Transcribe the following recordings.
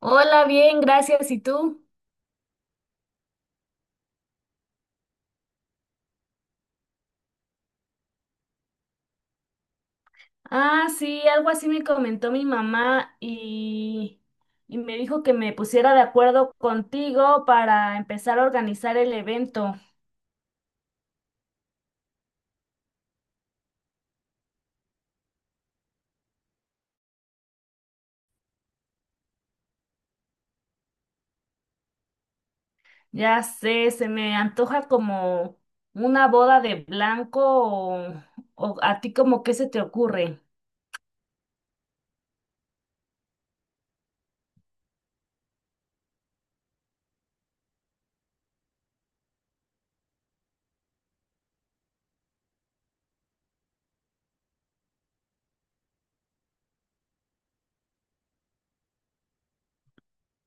Hola, bien, gracias. ¿Y tú? Ah, sí, algo así me comentó mi mamá y me dijo que me pusiera de acuerdo contigo para empezar a organizar el evento. Ya sé, se me antoja como una boda de blanco o a ti como qué se te ocurre.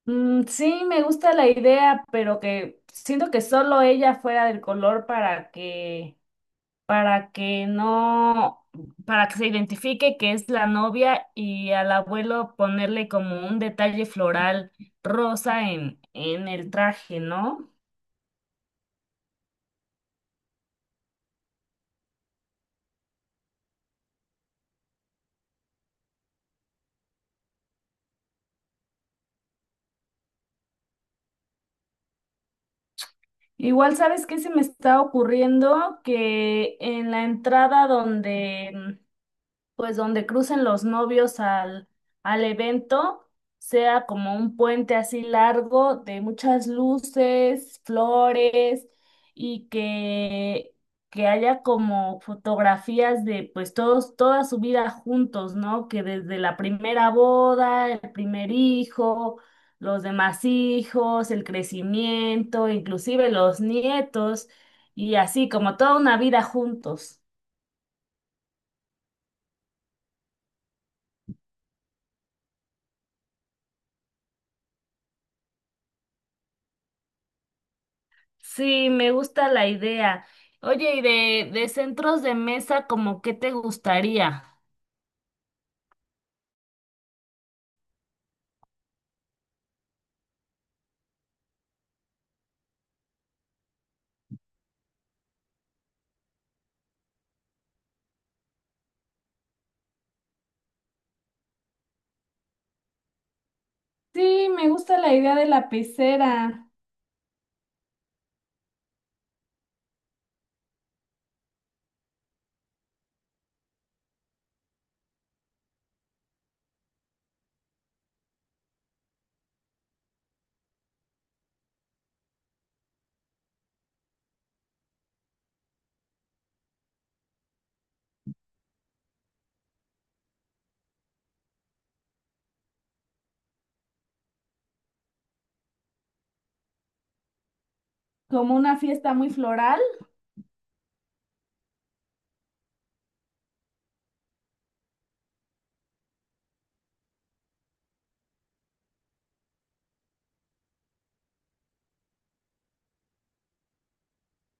Mm, sí, me gusta la idea, pero que siento que solo ella fuera del color para que no, para que se identifique que es la novia, y al abuelo ponerle como un detalle floral rosa en el traje, ¿no? Igual, ¿sabes qué se me está ocurriendo? Que en la entrada donde pues donde crucen los novios al evento, sea como un puente así largo de muchas luces, flores y que, que haya como fotografías de pues todos, toda su vida juntos, ¿no? Que desde la primera boda, el primer hijo, los demás hijos, el crecimiento, inclusive los nietos, y así como toda una vida juntos. Sí, me gusta la idea. Oye, ¿y de centros de mesa, como qué te gustaría? Sí, me gusta la idea de la pecera, como una fiesta muy floral.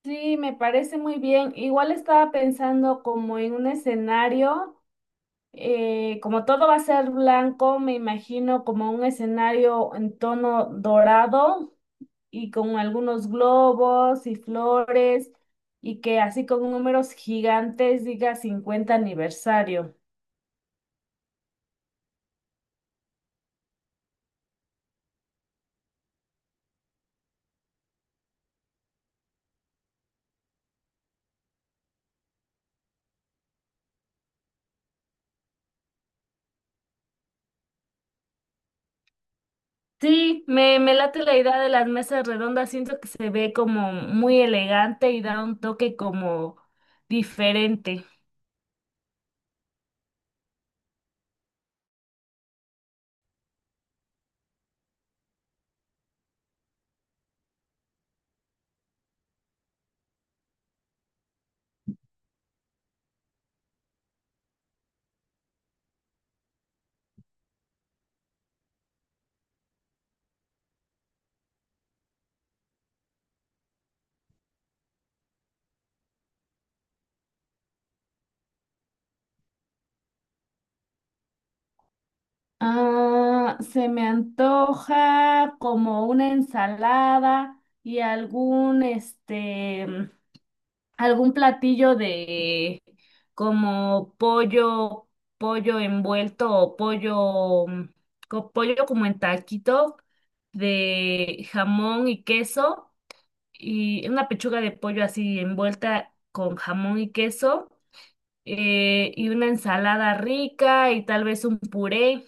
Sí, me parece muy bien. Igual estaba pensando como en un escenario, como todo va a ser blanco, me imagino como un escenario en tono dorado y con algunos globos y flores, y que así con números gigantes diga 50 aniversario. Sí, me late la idea de las mesas redondas, siento que se ve como muy elegante y da un toque como diferente. Ah, se me antoja como una ensalada y algún este algún platillo de como pollo, pollo envuelto o pollo, pollo como en taquito de jamón y queso, y una pechuga de pollo así envuelta con jamón y queso, y una ensalada rica y tal vez un puré.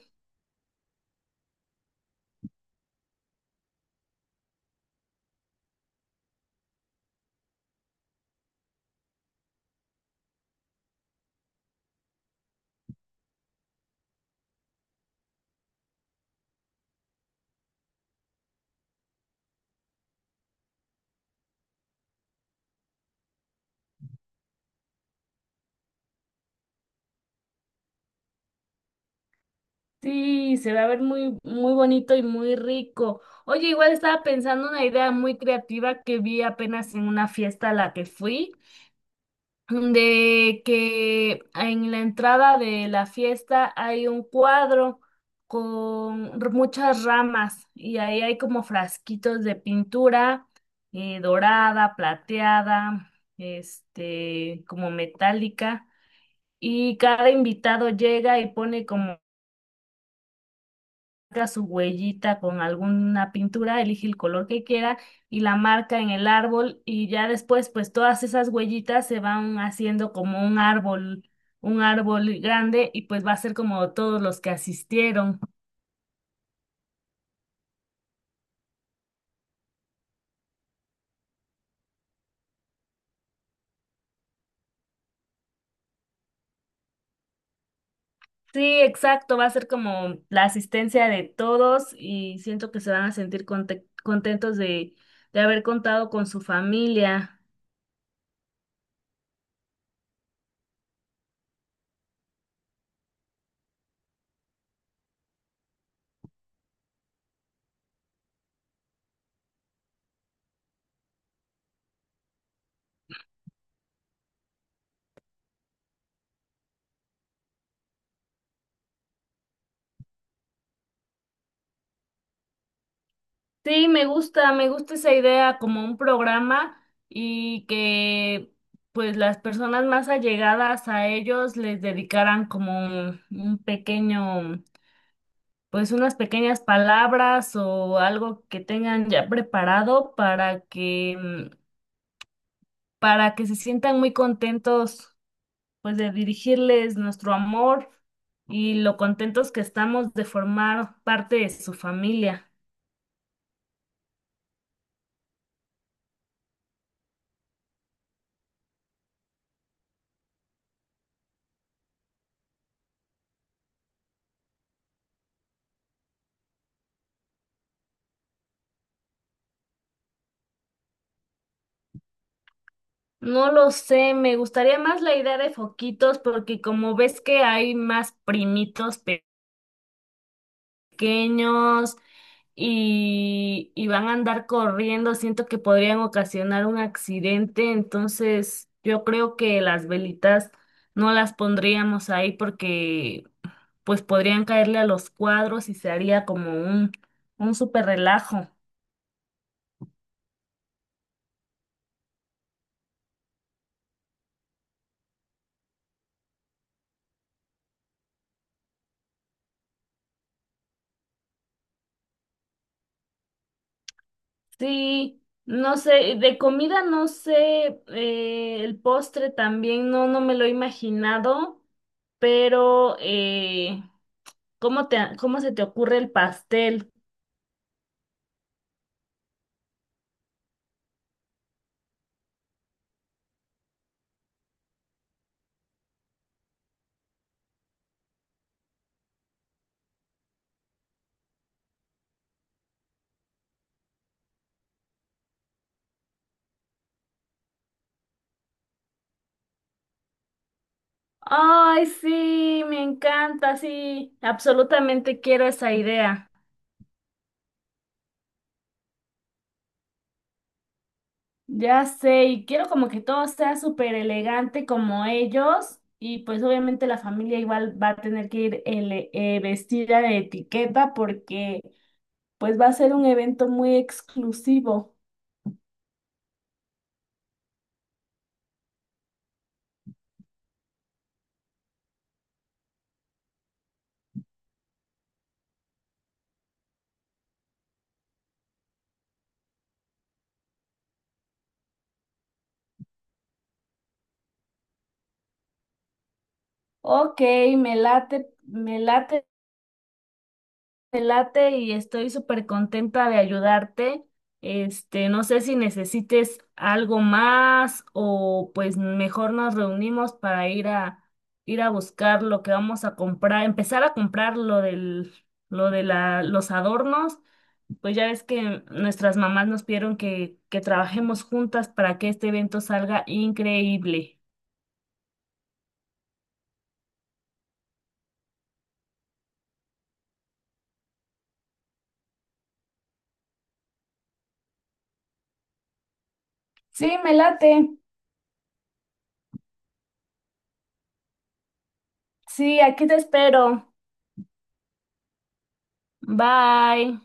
Sí, se va a ver muy bonito y muy rico. Oye, igual estaba pensando una idea muy creativa que vi apenas en una fiesta a la que fui. De que en la entrada de la fiesta hay un cuadro con muchas ramas, y ahí hay como frasquitos de pintura, dorada, plateada, este, como metálica. Y cada invitado llega y pone como marca su huellita con alguna pintura, elige el color que quiera y la marca en el árbol, y ya después pues todas esas huellitas se van haciendo como un árbol grande, y pues va a ser como todos los que asistieron. Sí, exacto, va a ser como la asistencia de todos, y siento que se van a sentir contentos de haber contado con su familia. Sí, me gusta esa idea como un programa, y que pues las personas más allegadas a ellos les dedicaran como un pequeño, pues unas pequeñas palabras o algo que tengan ya preparado mm, para que se sientan muy contentos pues de dirigirles nuestro amor, y lo contentos que estamos de formar parte de su familia. No lo sé, me gustaría más la idea de foquitos, porque como ves que hay más primitos pequeños y van a andar corriendo, siento que podrían ocasionar un accidente, entonces yo creo que las velitas no las pondríamos ahí porque pues podrían caerle a los cuadros y se haría como un súper relajo. Sí, no sé, de comida no sé, el postre también no me lo he imaginado, pero ¿ cómo se te ocurre el pastel? Ay, sí, me encanta, sí, absolutamente quiero esa idea. Ya sé, y quiero como que todo sea súper elegante como ellos, y pues obviamente la familia igual va a tener que ir vestida de etiqueta porque... Pues va a ser un evento muy exclusivo. Ok, me late, me late, me late, y estoy súper contenta de ayudarte. Este, no sé si necesites algo más, o pues mejor nos reunimos para ir a buscar lo que vamos a comprar, empezar a comprar lo del, lo de la, los adornos. Pues ya ves que nuestras mamás nos pidieron que trabajemos juntas para que este evento salga increíble. Sí, me late. Sí, aquí te espero. Bye.